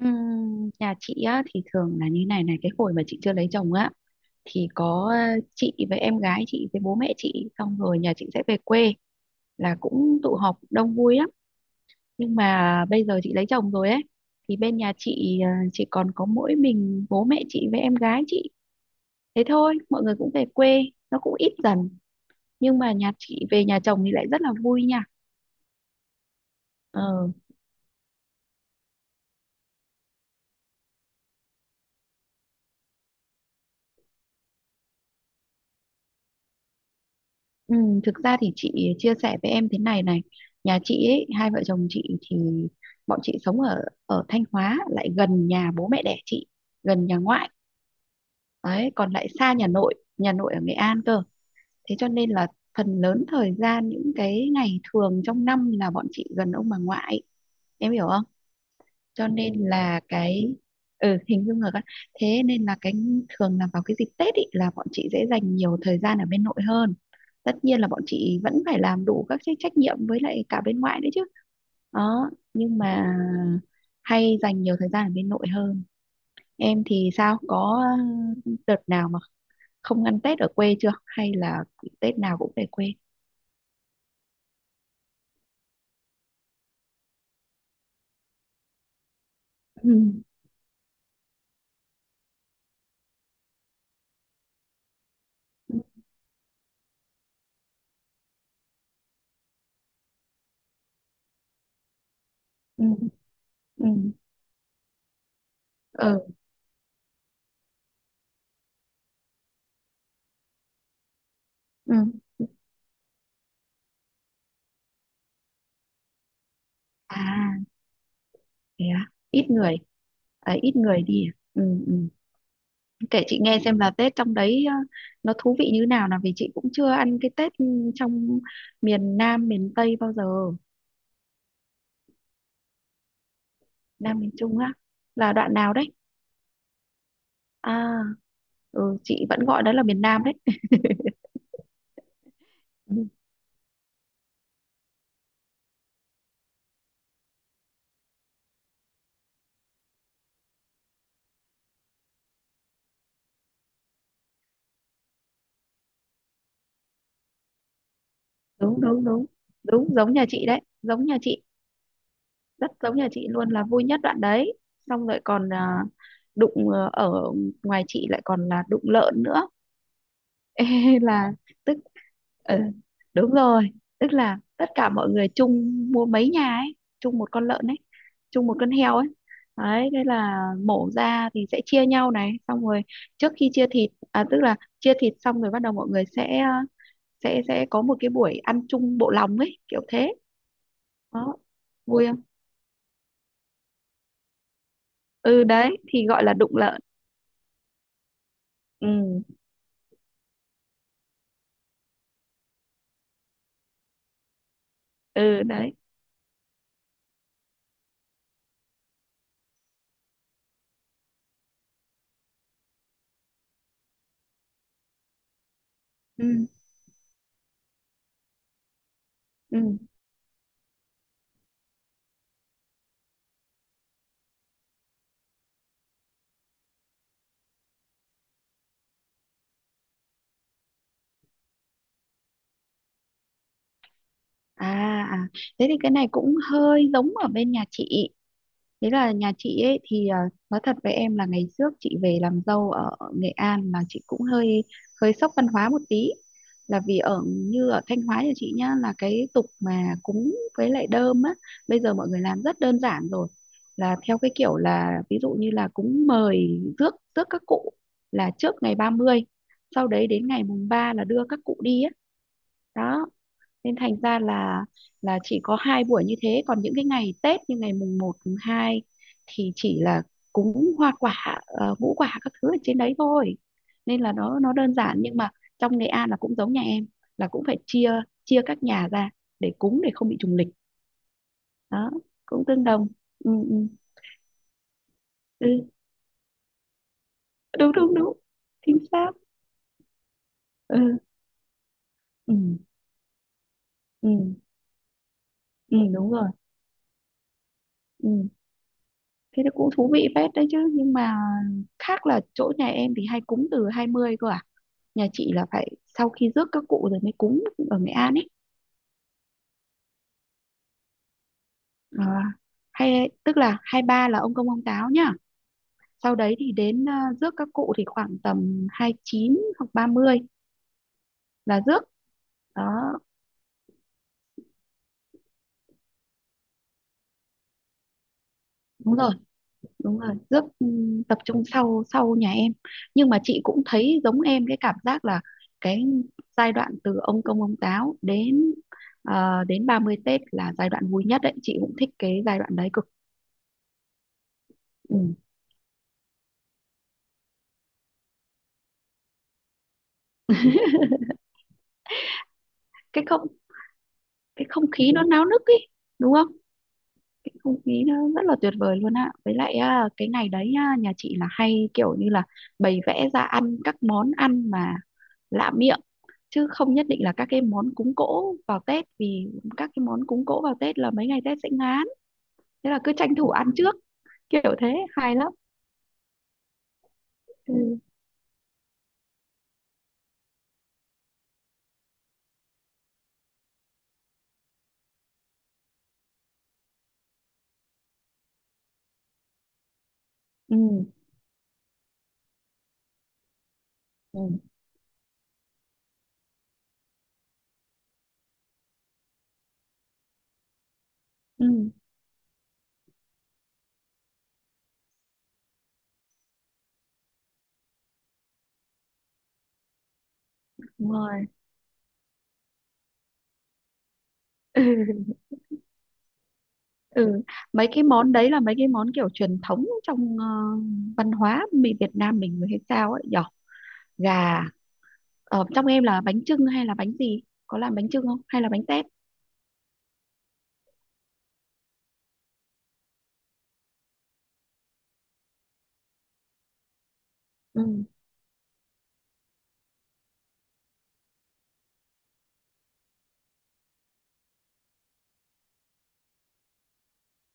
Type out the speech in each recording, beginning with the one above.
Nhà chị á thì thường là như này này, cái hồi mà chị chưa lấy chồng á thì có chị với em gái chị với bố mẹ chị, xong rồi nhà chị sẽ về quê là cũng tụ họp đông vui lắm. Nhưng mà bây giờ chị lấy chồng rồi ấy thì bên nhà chị chỉ còn có mỗi mình bố mẹ chị với em gái chị, thế thôi. Mọi người cũng về quê, nó cũng ít dần, nhưng mà nhà chị về nhà chồng thì lại rất là vui nha. Ờ. Ừ, thực ra thì chị chia sẻ với em thế này này, nhà chị ấy, hai vợ chồng chị thì bọn chị sống ở ở Thanh Hóa, lại gần nhà bố mẹ đẻ chị, gần nhà ngoại đấy, còn lại xa nhà nội, nhà nội ở Nghệ An cơ. Thế cho nên là phần lớn thời gian, những cái ngày thường trong năm là bọn chị gần ông bà ngoại, em hiểu không. Cho nên là cái ừ, hình dung rồi các. Thế nên là cái thường là vào cái dịp Tết ý, là bọn chị sẽ dành nhiều thời gian ở bên nội hơn. Tất nhiên là bọn chị vẫn phải làm đủ các cái trách nhiệm với lại cả bên ngoại nữa chứ, đó, nhưng mà hay dành nhiều thời gian ở bên nội hơn. Em thì sao, có đợt nào mà không ăn Tết ở quê chưa, hay là Tết nào cũng về quê? Ừ. Ừ. Ừ. Ừ. Ừ. Ừ. À. Thế à? Ít người. À, ít người đi à? Ừ. Ừ. Kể chị nghe xem là Tết trong đấy nó thú vị như nào, nào vì chị cũng chưa ăn cái Tết trong miền Nam, miền Tây bao giờ. Nam miền Trung á, là đoạn nào đấy? À, ừ, chị vẫn gọi đó là miền Nam đấy. Ừ, đúng đúng đúng, đúng giống nhà chị đấy, giống nhà chị, rất giống nhà chị luôn, là vui nhất đoạn đấy. Xong rồi còn à, đụng ở ngoài chị lại còn là đụng lợn nữa. Ê, là tức ờ, đúng rồi. Tức là tất cả mọi người chung mua mấy nhà ấy, chung một con lợn ấy, chung một con heo ấy. Đấy, thế là mổ ra thì sẽ chia nhau này, xong rồi trước khi chia thịt, à tức là chia thịt xong rồi bắt đầu mọi người sẽ sẽ có một cái buổi ăn chung bộ lòng ấy, kiểu thế. Đó, vui không? Ừ, đấy thì gọi là đụng lợn. Ừ. Ừ đấy. Ừ. Ừ. À, à, thế thì cái này cũng hơi giống ở bên nhà chị. Thế là nhà chị ấy thì à, nói thật với em là ngày trước chị về làm dâu ở Nghệ An là chị cũng hơi hơi sốc văn hóa một tí. Là vì ở như ở Thanh Hóa, nhà chị nhá, là cái tục mà cúng với lại đơm á, bây giờ mọi người làm rất đơn giản rồi. Là theo cái kiểu là ví dụ như là cúng mời rước rước các cụ là trước ngày 30, sau đấy đến ngày mùng 3 là đưa các cụ đi á. Đó, nên thành ra là chỉ có hai buổi như thế, còn những cái ngày Tết như ngày mùng 1 mùng 2 thì chỉ là cúng hoa quả ngũ quả các thứ ở trên đấy thôi, nên là nó đơn giản. Nhưng mà trong Nghệ An là cũng giống nhà em, là cũng phải chia chia các nhà ra để cúng, để không bị trùng lịch. Đó, cũng tương đồng. Ừ, ừ, ừ. Đúng đúng đúng, chính xác. Ừ, ừ, ừ, ừ, đúng rồi. Ừ. Thế nó cũng thú vị phết đấy chứ, nhưng mà khác là chỗ nhà em thì hay cúng từ 20 cơ à. Nhà chị là phải sau khi rước các cụ rồi mới cúng, ở Nghệ An ấy. À, hay tức là 23 là ông công ông táo nhá, sau đấy thì đến rước các cụ thì khoảng tầm 29 hoặc 30 là rước. Đó. Đúng rồi, đúng rồi rước. Tập trung sau sau nhà em. Nhưng mà chị cũng thấy giống em cái cảm giác là cái giai đoạn từ ông công ông táo đến đến 30 Tết là giai đoạn vui nhất đấy, chị cũng thích cái giai đoạn đấy cực. Ừ. Cái không, cái không khí nó náo nức ấy, đúng không. Cái không khí nó rất là tuyệt vời luôn ạ. Với lại à, cái ngày đấy à, nhà chị là hay kiểu như là bày vẽ ra ăn các món ăn mà lạ miệng, chứ không nhất định là các cái món cúng cỗ vào Tết, vì các cái món cúng cỗ vào Tết là mấy ngày Tết sẽ ngán. Thế là cứ tranh thủ ăn trước, kiểu thế, hay lắm. Ừ. Ừ. Ừ, ừ. Đúng rồi. Ừ. Ừ. Mấy cái món đấy là mấy cái món kiểu truyền thống trong văn hóa mình, Việt Nam mình hay sao ấy nhỉ, gà. Ở trong em là bánh chưng hay là bánh gì, có làm bánh chưng không hay là bánh tét? Ừ.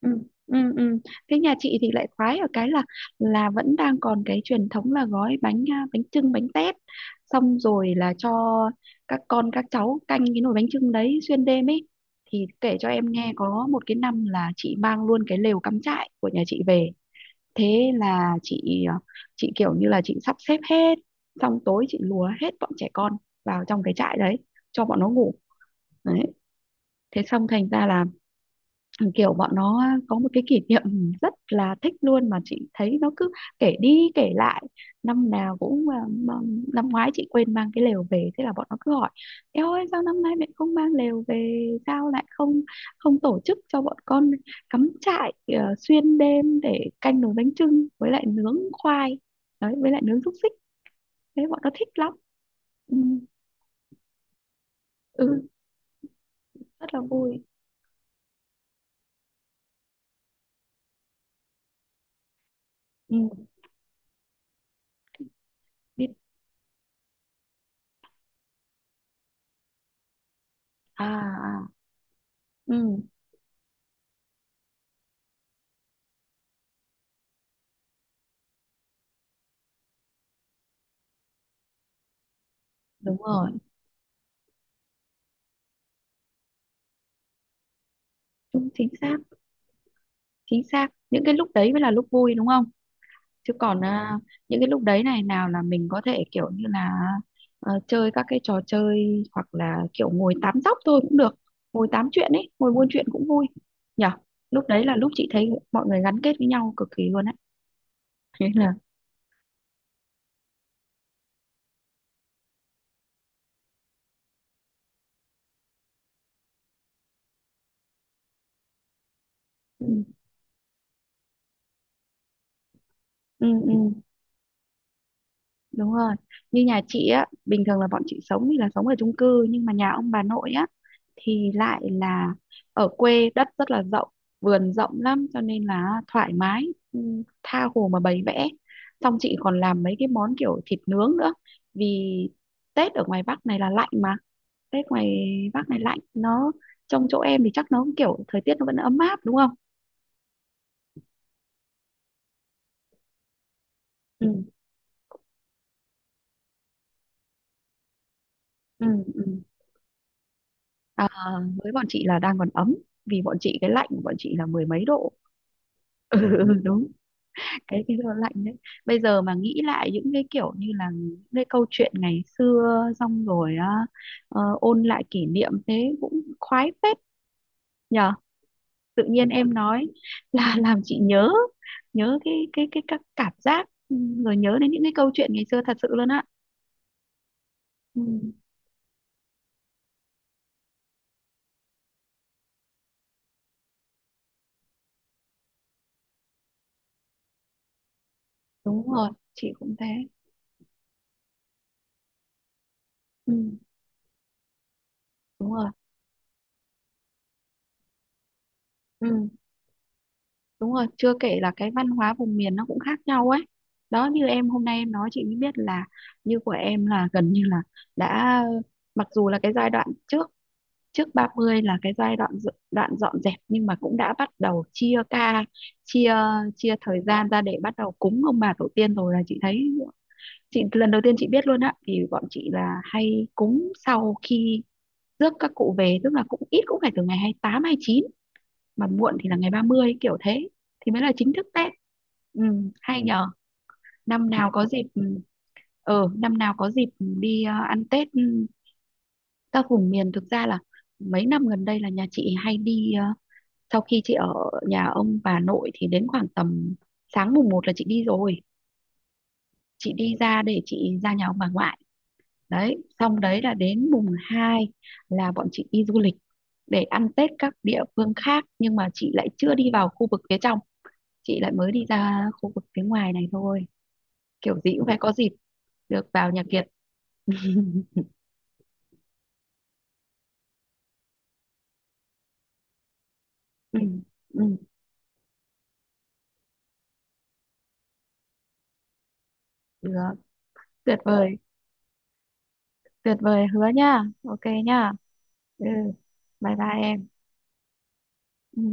Ừ. Ừ. Ừ. Thế nhà chị thì lại khoái ở cái là vẫn đang còn cái truyền thống là gói bánh, à, bánh chưng bánh tét, xong rồi là cho các con các cháu canh cái nồi bánh chưng đấy xuyên đêm ấy. Thì kể cho em nghe, có một cái năm là chị mang luôn cái lều cắm trại của nhà chị về. Thế là chị chị kiểu như là chị sắp xếp hết, xong tối chị lùa hết bọn trẻ con vào trong cái trại đấy cho bọn nó ngủ. Đấy, thế xong thành ra là kiểu bọn nó có một cái kỷ niệm rất là thích luôn, mà chị thấy nó cứ kể đi kể lại năm nào cũng à, năm ngoái chị quên mang cái lều về, thế là bọn nó cứ hỏi eo ơi sao năm nay mẹ không mang lều về, sao lại không, không tổ chức cho bọn con cắm trại xuyên đêm để canh nồi bánh chưng với lại nướng khoai, đấy, với lại nướng xúc xích. Thế bọn nó thích lắm. Ừ, ừ, rất là vui. Ừ, biết. À. À, ừ, đúng rồi, đúng, chính xác, chính xác. Những cái lúc đấy mới là lúc vui, đúng không. Chứ còn ừ. À, những cái lúc đấy này, nào là mình có thể kiểu như là chơi các cái trò chơi, hoặc là kiểu ngồi tám dóc thôi cũng được, ngồi tám chuyện ấy, ngồi buôn chuyện cũng vui. Nhở. Lúc đấy là lúc chị thấy mọi người gắn kết với nhau cực kỳ luôn á. Thế là ừ, ừ, ừ, đúng rồi. Như nhà chị á, bình thường là bọn chị sống thì là sống ở chung cư, nhưng mà nhà ông bà nội á thì lại là ở quê, đất rất là rộng, vườn rộng lắm, cho nên là thoải mái. Ừ, tha hồ mà bày vẽ. Xong chị còn làm mấy cái món kiểu thịt nướng nữa, vì Tết ở ngoài Bắc này là lạnh mà. Tết ngoài Bắc này lạnh, nó trong chỗ em thì chắc nó cũng kiểu thời tiết nó vẫn ấm áp đúng không. Ừ. Ừ. Ừ. À, với bọn chị là đang còn ấm, vì bọn chị cái lạnh của bọn chị là mười mấy độ. Ừ, đúng, cái gió lạnh đấy. Bây giờ mà nghĩ lại những cái kiểu như là những cái câu chuyện ngày xưa xong rồi á, ôn lại kỷ niệm thế cũng khoái phết, nhờ. Tự nhiên em nói là làm chị nhớ, nhớ cái cái các cảm giác ừ, rồi nhớ đến những cái câu chuyện ngày xưa thật sự luôn á. Ừ, đúng rồi, chị cũng thế. Ừ, đúng rồi. Ừ. Đúng rồi, chưa kể là cái văn hóa vùng miền nó cũng khác nhau ấy. Đó, như em hôm nay em nói chị mới biết là như của em là gần như là đã, mặc dù là cái giai đoạn trước, trước 30 là cái giai đoạn đoạn dọn dẹp, nhưng mà cũng đã bắt đầu chia ca, chia, chia thời gian ra để bắt đầu cúng ông bà tổ tiên rồi. Là chị thấy, chị lần đầu tiên chị biết luôn á, thì bọn chị là hay cúng sau khi rước các cụ về, tức là cũng ít cũng phải từ ngày 28, chín, mà muộn thì là ngày 30 kiểu thế, thì mới là chính thức Tết. Ừ, hay nhờ. Năm nào có dịp ừ, năm nào có dịp đi ăn Tết ừ, các vùng miền, thực ra là mấy năm gần đây là nhà chị hay đi sau khi chị ở nhà ông bà nội thì đến khoảng tầm sáng mùng 1 là chị đi rồi, chị đi ra để chị ra nhà ông bà ngoại. Đấy, xong đấy là đến mùng 2 là bọn chị đi du lịch để ăn Tết các địa phương khác. Nhưng mà chị lại chưa đi vào khu vực phía trong, chị lại mới đi ra khu vực phía ngoài này thôi, kiểu gì cũng phải có dịp được vào nhà Kiệt. Ừ, ừ, được, tuyệt vời, tuyệt vời, hứa nha, ok nha. Ừ, bye bye em. Ừ.